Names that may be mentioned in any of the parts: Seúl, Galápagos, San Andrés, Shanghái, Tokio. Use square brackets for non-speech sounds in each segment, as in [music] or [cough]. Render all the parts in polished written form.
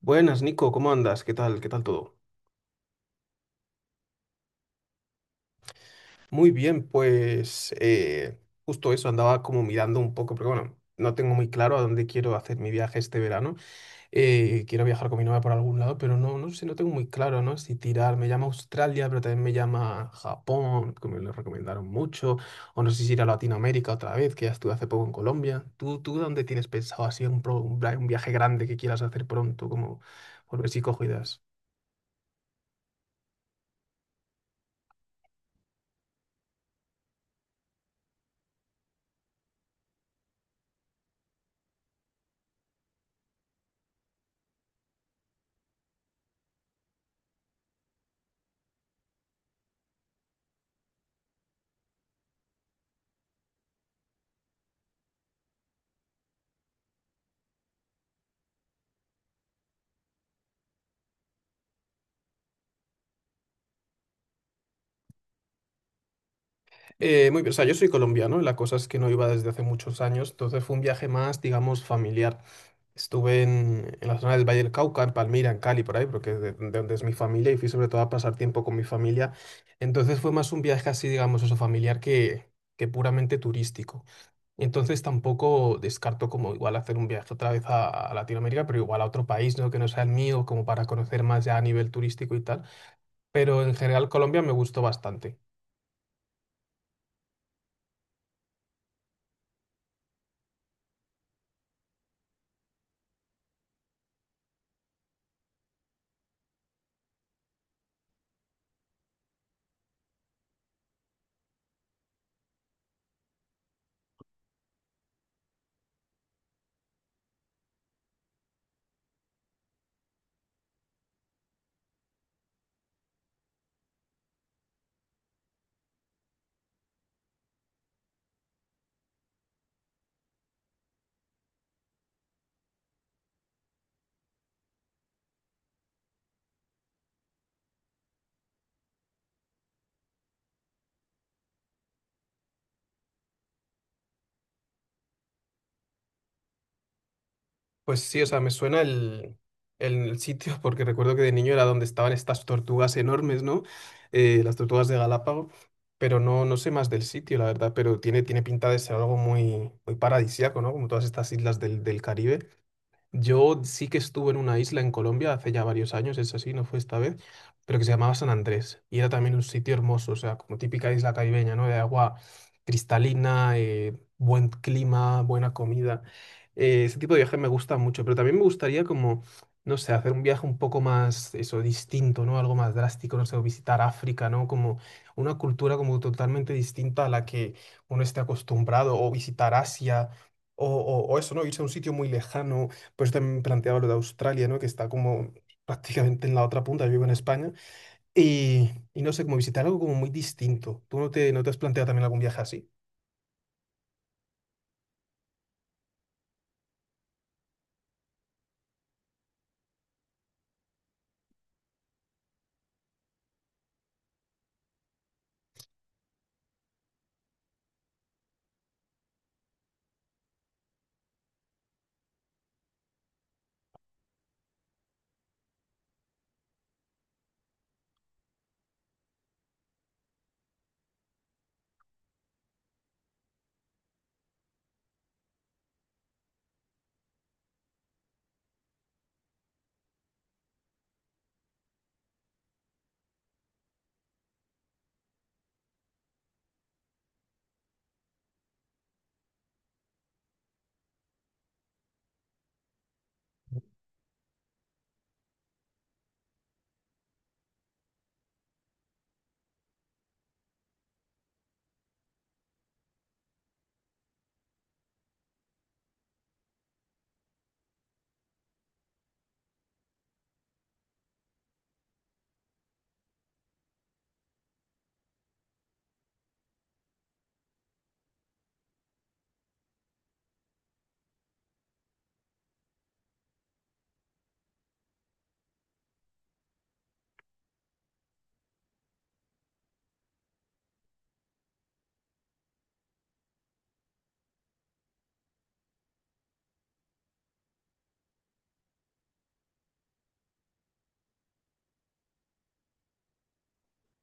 Buenas, Nico, ¿cómo andas? ¿Qué tal? ¿Qué tal todo? Muy bien, pues justo eso, andaba como mirando un poco, porque bueno, no tengo muy claro a dónde quiero hacer mi viaje este verano. Quiero viajar con mi novia por algún lado, pero no sé, no tengo muy claro, ¿no? Si tirar, me llama Australia, pero también me llama Japón, que me lo recomendaron mucho, o no sé si ir a Latinoamérica otra vez, que ya estuve hace poco en Colombia. Tú dónde tienes pensado así un, un, un viaje grande que quieras hacer pronto, como por ver si cojo ideas? Muy bien, o sea, yo soy colombiano, la cosa es que no iba desde hace muchos años, entonces fue un viaje más, digamos, familiar. Estuve en la zona del Valle del Cauca, en Palmira, en Cali, por ahí, porque de donde es mi familia, y fui sobre todo a pasar tiempo con mi familia. Entonces fue más un viaje así, digamos, eso, familiar que puramente turístico. Entonces tampoco descarto como igual hacer un viaje otra vez a Latinoamérica, pero igual a otro país, ¿no? Que no sea el mío, como para conocer más ya a nivel turístico y tal. Pero en general Colombia me gustó bastante. Pues sí, o sea, me suena el sitio [laughs] porque recuerdo que de niño era donde estaban estas tortugas enormes, ¿no? Las tortugas de Galápagos, pero no sé más del sitio, la verdad, pero tiene, tiene pinta de ser algo muy, muy paradisíaco, ¿no? Como todas estas islas del, del Caribe. Yo sí que estuve en una isla en Colombia hace ya varios años, es así, no fue esta vez, pero que se llamaba San Andrés y era también un sitio hermoso, o sea, como típica isla caribeña, ¿no? De agua cristalina, buen clima, buena comida. Ese tipo de viajes me gusta mucho, pero también me gustaría como, no sé, hacer un viaje un poco más, eso, distinto, ¿no? Algo más drástico, no sé, o visitar África, ¿no? Como una cultura como totalmente distinta a la que uno esté acostumbrado, o visitar Asia. O, o eso, ¿no? Irse a un sitio muy lejano pues también planteaba lo de Australia, ¿no? Que está como prácticamente en la otra punta, yo vivo en España. Y no sé, como visitar algo como muy distinto. ¿Tú no te has planteado también algún viaje así?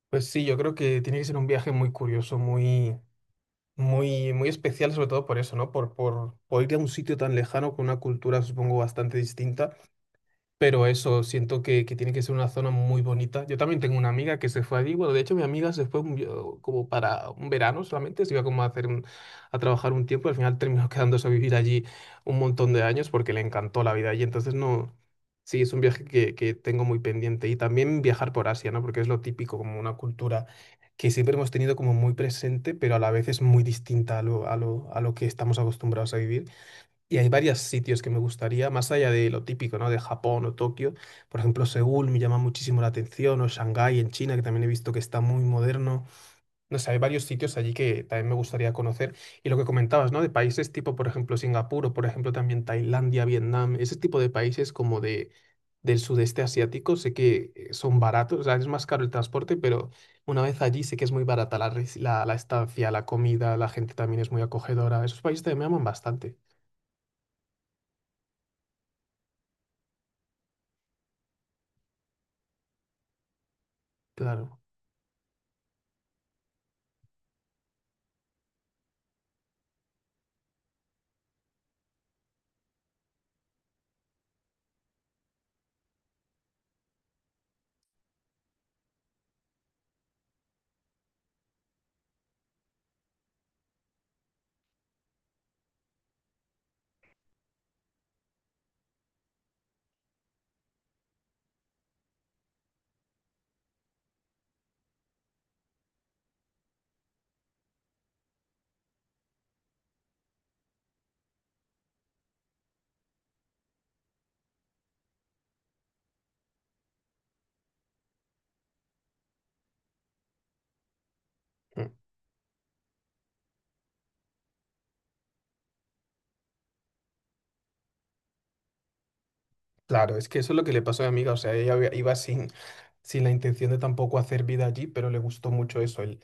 Pues sí, yo creo que tiene que ser un viaje muy curioso, muy, muy, muy especial, sobre todo por eso, ¿no? Por ir a un sitio tan lejano con una cultura, supongo, bastante distinta. Pero eso, siento que tiene que ser una zona muy bonita. Yo también tengo una amiga que se fue allí. Bueno, de hecho, mi amiga se fue como para un verano solamente. Se iba como a hacer a trabajar un tiempo. Al final terminó [laughs] quedándose a vivir allí un montón de años porque le encantó la vida allí. Entonces, no. Sí, es un viaje que tengo muy pendiente. Y también viajar por Asia, ¿no? Porque es lo típico, como una cultura que siempre hemos tenido como muy presente, pero a la vez es muy distinta a lo, a lo, a lo que estamos acostumbrados a vivir. Y hay varios sitios que me gustaría, más allá de lo típico, ¿no? De Japón o Tokio. Por ejemplo, Seúl me llama muchísimo la atención, o Shanghái en China, que también he visto que está muy moderno. No sé, hay varios sitios allí que también me gustaría conocer. Y lo que comentabas, ¿no? De países tipo, por ejemplo, Singapur, o por ejemplo, también Tailandia, Vietnam, ese tipo de países como de, del sudeste asiático, sé que son baratos, o sea, es más caro el transporte, pero una vez allí sé que es muy barata la, la, la estancia, la comida, la gente también es muy acogedora. Esos países también me aman bastante, claro. Mm, claro, es que eso es lo que le pasó a mi amiga, o sea, ella había- iba sin, sin la intención de tampoco hacer vida allí, pero le gustó mucho eso,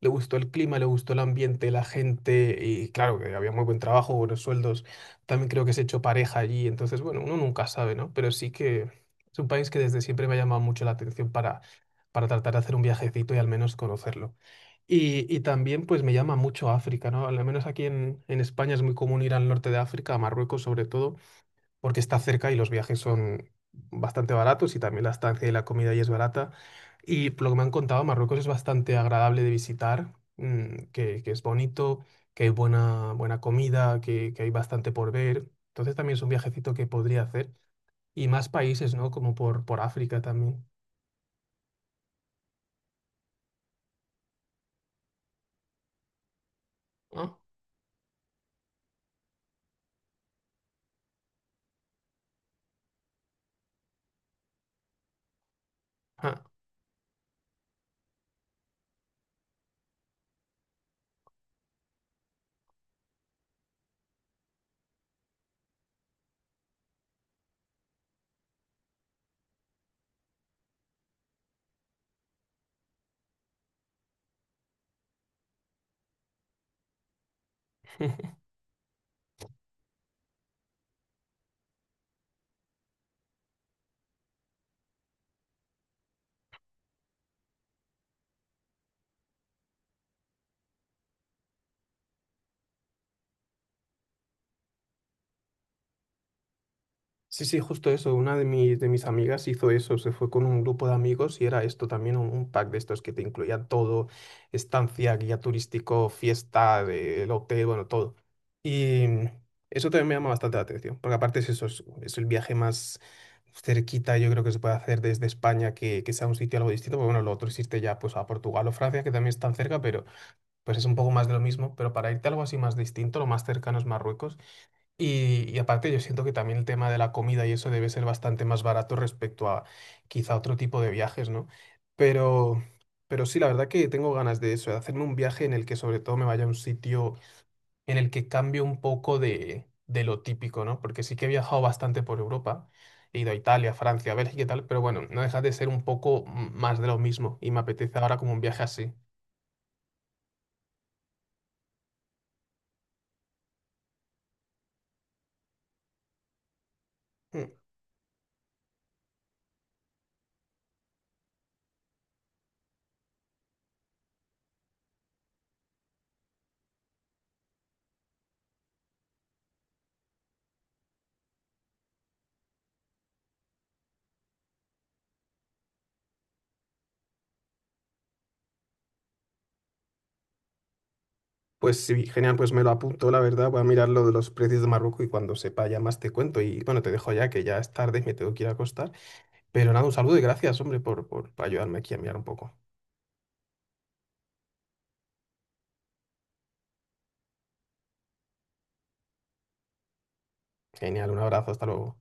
le gustó el clima, le gustó el ambiente, la gente, y claro, que había muy buen trabajo, buenos sueldos, también creo que se echó pareja allí, entonces, bueno, uno nunca sabe, ¿no? Pero sí que es un país que desde siempre me ha llamado mucho la atención para tratar de hacer un viajecito y al menos conocerlo. Y también pues me llama mucho África, ¿no? Al menos aquí en España es muy común ir al norte de África, a Marruecos sobre todo, porque está cerca y los viajes son bastante baratos y también la estancia y la comida ahí es barata. Y por lo que me han contado, Marruecos es bastante agradable de visitar, que es bonito, que hay buena, buena comida, que hay bastante por ver. Entonces también es un viajecito que podría hacer. Y más países, ¿no? Como por África también. ¿No? Sí, sí, justo eso. Una de mis amigas hizo eso. Se fue con un grupo de amigos y era esto también, un pack de estos que te incluía todo, estancia, guía turístico, fiesta, el hotel, bueno, todo. Y eso también me llama bastante la atención, porque aparte es eso, es el viaje más cerquita, yo creo que se puede hacer desde España, que sea un sitio algo distinto, porque bueno, lo otro existe ya pues a Portugal o Francia, que también están cerca, pero pues es un poco más de lo mismo. Pero para irte a algo así más distinto, lo más cercano es Marruecos. Y aparte yo siento que también el tema de la comida y eso debe ser bastante más barato respecto a quizá otro tipo de viajes, ¿no? Pero, pero sí, la verdad que tengo ganas de eso, de hacerme un viaje en el que sobre todo me vaya a un sitio en el que cambie un poco de lo típico, ¿no? Porque sí que he viajado bastante por Europa, he ido a Italia, Francia, Bélgica y tal, pero bueno, no deja de ser un poco más de lo mismo y me apetece ahora como un viaje así. Pues sí, genial, pues me lo apunto, la verdad, voy a mirar lo de los precios de Marruecos y cuando sepa ya más te cuento. Y bueno, te dejo ya que ya es tarde, me tengo que ir a acostar. Pero nada, un saludo y gracias, hombre, por ayudarme aquí a mirar un poco. Genial, un abrazo, hasta luego.